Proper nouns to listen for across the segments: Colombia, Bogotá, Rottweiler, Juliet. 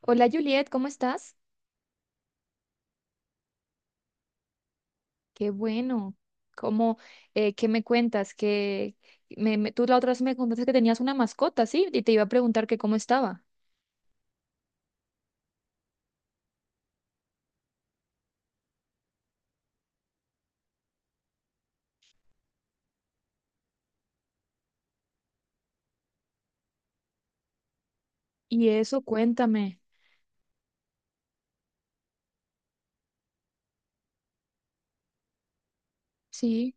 Hola Juliet, ¿cómo estás? Qué bueno. ¿Cómo, qué me cuentas? Que tú la otra vez me contaste que tenías una mascota, ¿sí? Y te iba a preguntar que cómo estaba. Y eso, cuéntame. Sí,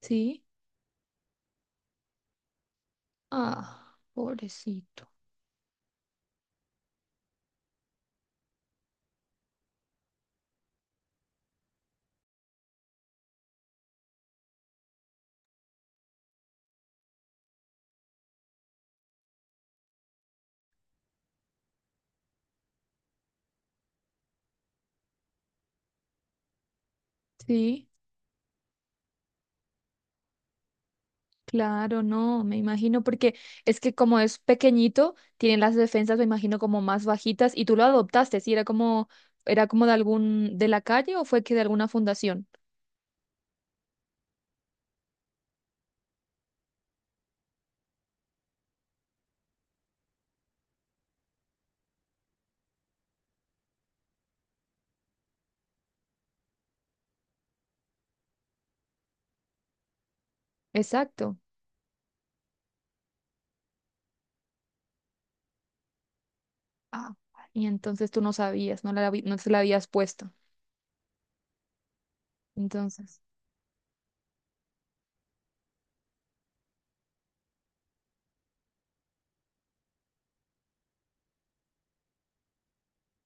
sí. Ah, pobrecito. Sí, claro, no, me imagino, porque es que como es pequeñito, tiene las defensas, me imagino, como más bajitas. Y tú lo adoptaste, ¿sí? Era como de algún, de la calle o fue que de alguna fundación. Exacto. Ah, y entonces tú no sabías, no se la habías puesto. Entonces,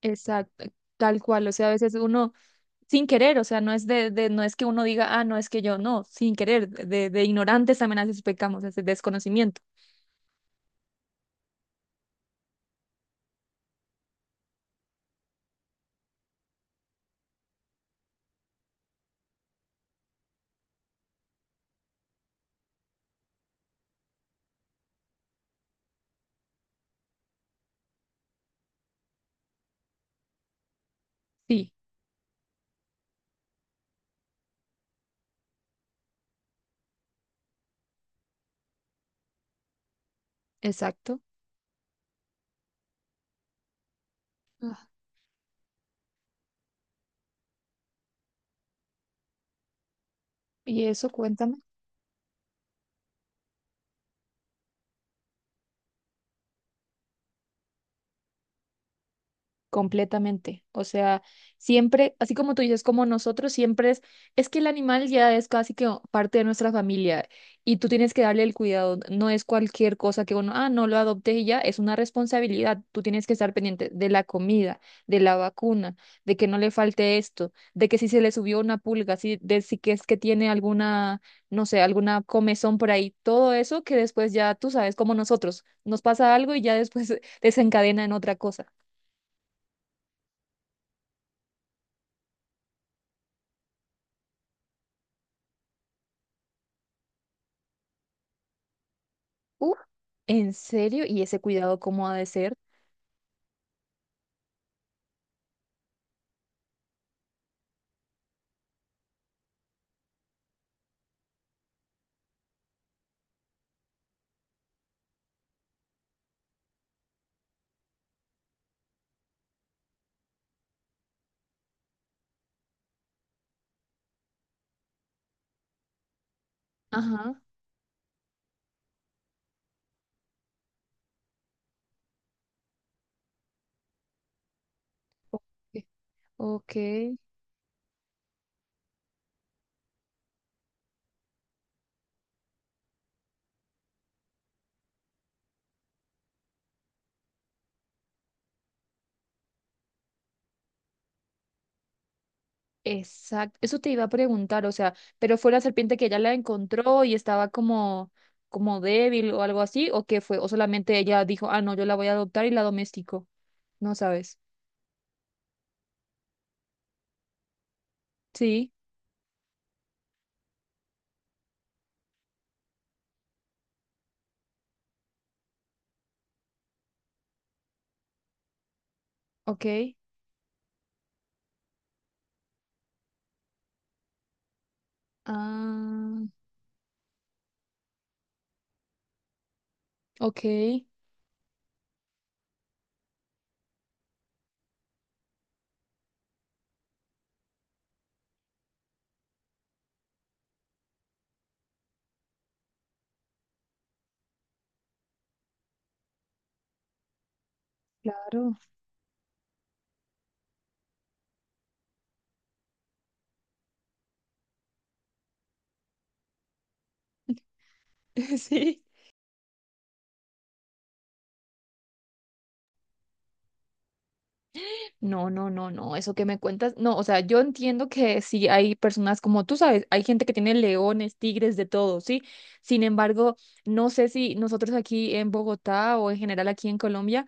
exacto, tal cual. O sea, a veces uno, sin querer, o sea, no es que uno diga, ah, no es que yo, no, sin querer, de ignorantes también a veces pecamos, es de desconocimiento. Sí, exacto. Ah, y eso, cuéntame. Completamente. O sea, siempre, así como tú dices, como nosotros, siempre es que el animal ya es casi que parte de nuestra familia y tú tienes que darle el cuidado. No es cualquier cosa que uno, ah, no lo adopte y ya, es una responsabilidad. Tú tienes que estar pendiente de la comida, de la vacuna, de que no le falte esto, de que si se le subió una pulga, si, de si que es que tiene alguna, no sé, alguna comezón por ahí, todo eso que después ya tú sabes, como nosotros, nos pasa algo y ya después desencadena en otra cosa. Uf, ¿en serio? ¿Y ese cuidado cómo ha de ser? Ajá. Ok, ok, exacto. Eso te iba a preguntar, o sea, pero fue la serpiente que ella la encontró y estaba como, como débil o algo así, o qué fue, o solamente ella dijo, ah, no, yo la voy a adoptar y la domestico. No sabes. Sí, ok. Ah, ok, claro. Sí. No, no, no, no, eso que me cuentas, no, o sea, yo entiendo que sí hay personas como tú sabes, hay gente que tiene leones, tigres, de todo, ¿sí? Sin embargo, no sé si nosotros aquí en Bogotá o en general aquí en Colombia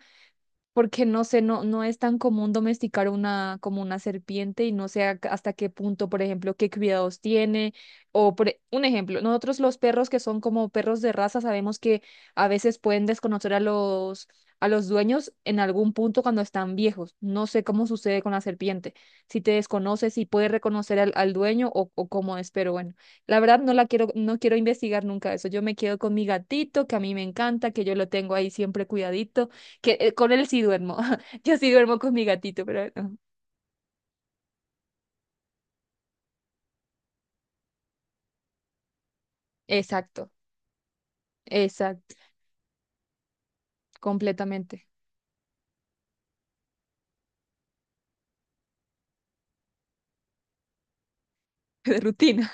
porque no sé, no, no es tan común domesticar una, como una serpiente y no sé a- hasta qué punto, por ejemplo, qué cuidados tiene. O por, e- un ejemplo, nosotros los perros que son como perros de raza sabemos que a veces pueden desconocer a los dueños en algún punto cuando están viejos. No sé cómo sucede con la serpiente, si te desconoce, si puede reconocer al, al dueño o cómo es, pero bueno, la verdad no la quiero, no quiero investigar nunca eso. Yo me quedo con mi gatito, que a mí me encanta, que yo lo tengo ahí siempre cuidadito que con él sí duermo. Yo sí duermo con mi gatito, pero no. Exacto, exacto, completamente. De rutina.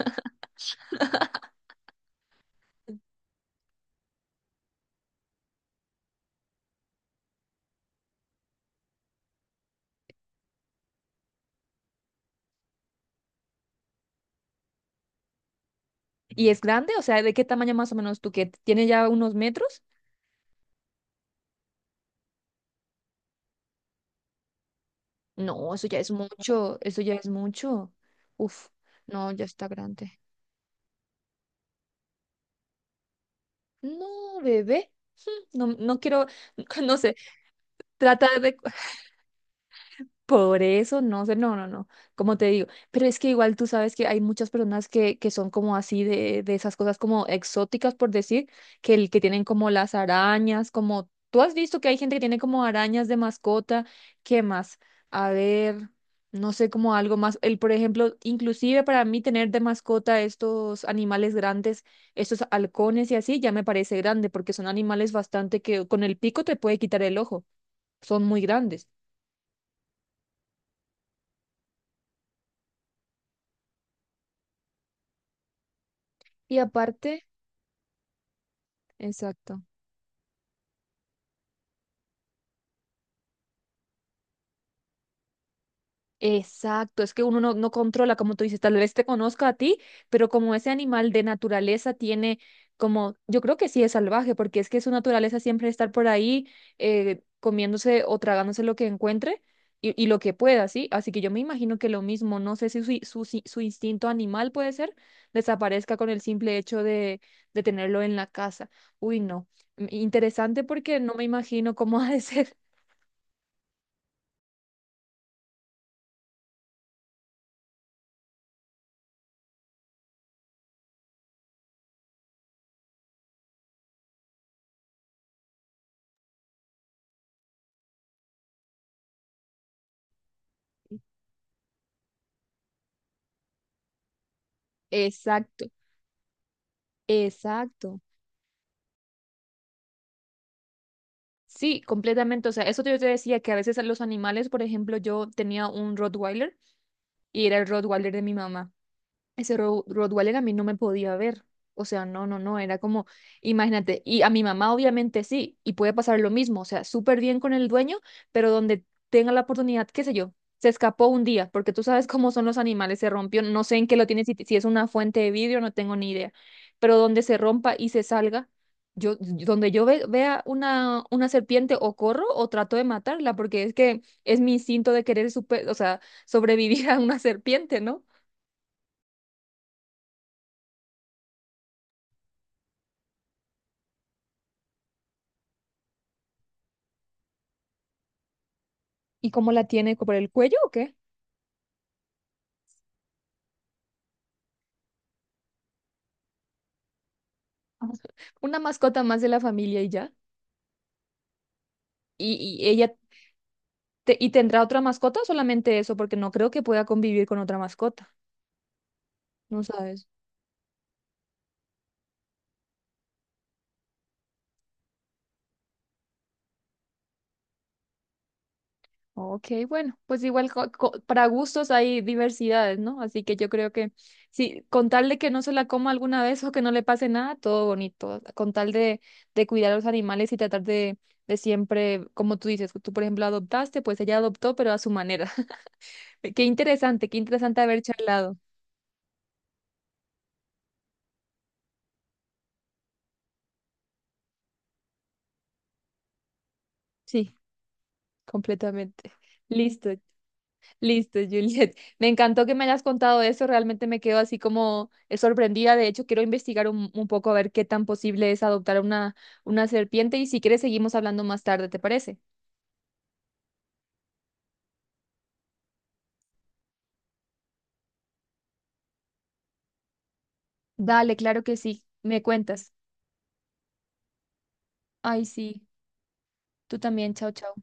¿Y es grande? O sea, ¿de qué tamaño más o menos tú que tiene ya unos metros? No, eso ya es mucho, eso ya es mucho. Uf, no, ya está grande. No, bebé, no, no quiero, no sé, trata de, por eso, no sé, no, no, no, como te digo, pero es que igual tú sabes que hay muchas personas que son como así de esas cosas como exóticas, por decir, que, el, que tienen como las arañas, como tú has visto que hay gente que tiene como arañas de mascota, ¿qué más? A ver, no sé, como algo más, el, por ejemplo, inclusive para mí tener de mascota estos animales grandes, estos halcones y así, ya me parece grande, porque son animales bastante que con el pico te puede quitar el ojo, son muy grandes. Y aparte... Exacto. Exacto, es que uno no, no controla, como tú dices, tal vez te conozca a ti, pero como ese animal de naturaleza tiene como, yo creo que sí es salvaje, porque es que su naturaleza siempre es estar por ahí comiéndose o tragándose lo que encuentre y lo que pueda, ¿sí? Así que yo me imagino que lo mismo, no sé si su instinto animal puede ser, desaparezca con el simple hecho de tenerlo en la casa. Uy, no. Interesante porque no me imagino cómo ha de ser. Exacto, exacto. Sí, completamente. O sea, eso yo te decía que a veces a los animales, por ejemplo, yo tenía un Rottweiler y era el Rottweiler de mi mamá. Ese Ro- Rottweiler a mí no me podía ver. O sea, no, no, no, era como, imagínate, y a mi mamá obviamente sí, y puede pasar lo mismo, o sea, súper bien con el dueño, pero donde tenga la oportunidad, qué sé yo, se escapó un día, porque tú sabes cómo son los animales, se rompió, no sé en qué lo tiene, si, si es una fuente de vidrio, no tengo ni idea, pero donde se rompa y se salga, yo, donde yo ve- vea una serpiente o corro o trato de matarla, porque es que es mi instinto de querer, super, o sea, sobrevivir a una serpiente, ¿no? ¿Y cómo la tiene? ¿Por el cuello o qué? Ajá. Una mascota más de la familia y ya. Y ella te- y tendrá otra mascota o solamente eso? Porque no creo que pueda convivir con otra mascota, ¿no sabes? Ok, bueno, pues igual co- co- para gustos hay diversidades, ¿no? Así que yo creo que sí, con tal de que no se la coma alguna vez o que no le pase nada, todo bonito. Con tal de cuidar a los animales y tratar de siempre, como tú dices, tú por ejemplo adoptaste, pues ella adoptó, pero a su manera. Qué interesante haber charlado. Sí. Completamente. Listo, listo, Juliet. Me encantó que me hayas contado eso. Realmente me quedo así como sorprendida. De hecho, quiero investigar un poco a ver qué tan posible es adoptar una serpiente. Y si quieres, seguimos hablando más tarde, ¿te parece? Dale, claro que sí. Me cuentas. Ay, sí. Tú también. Chao, chao.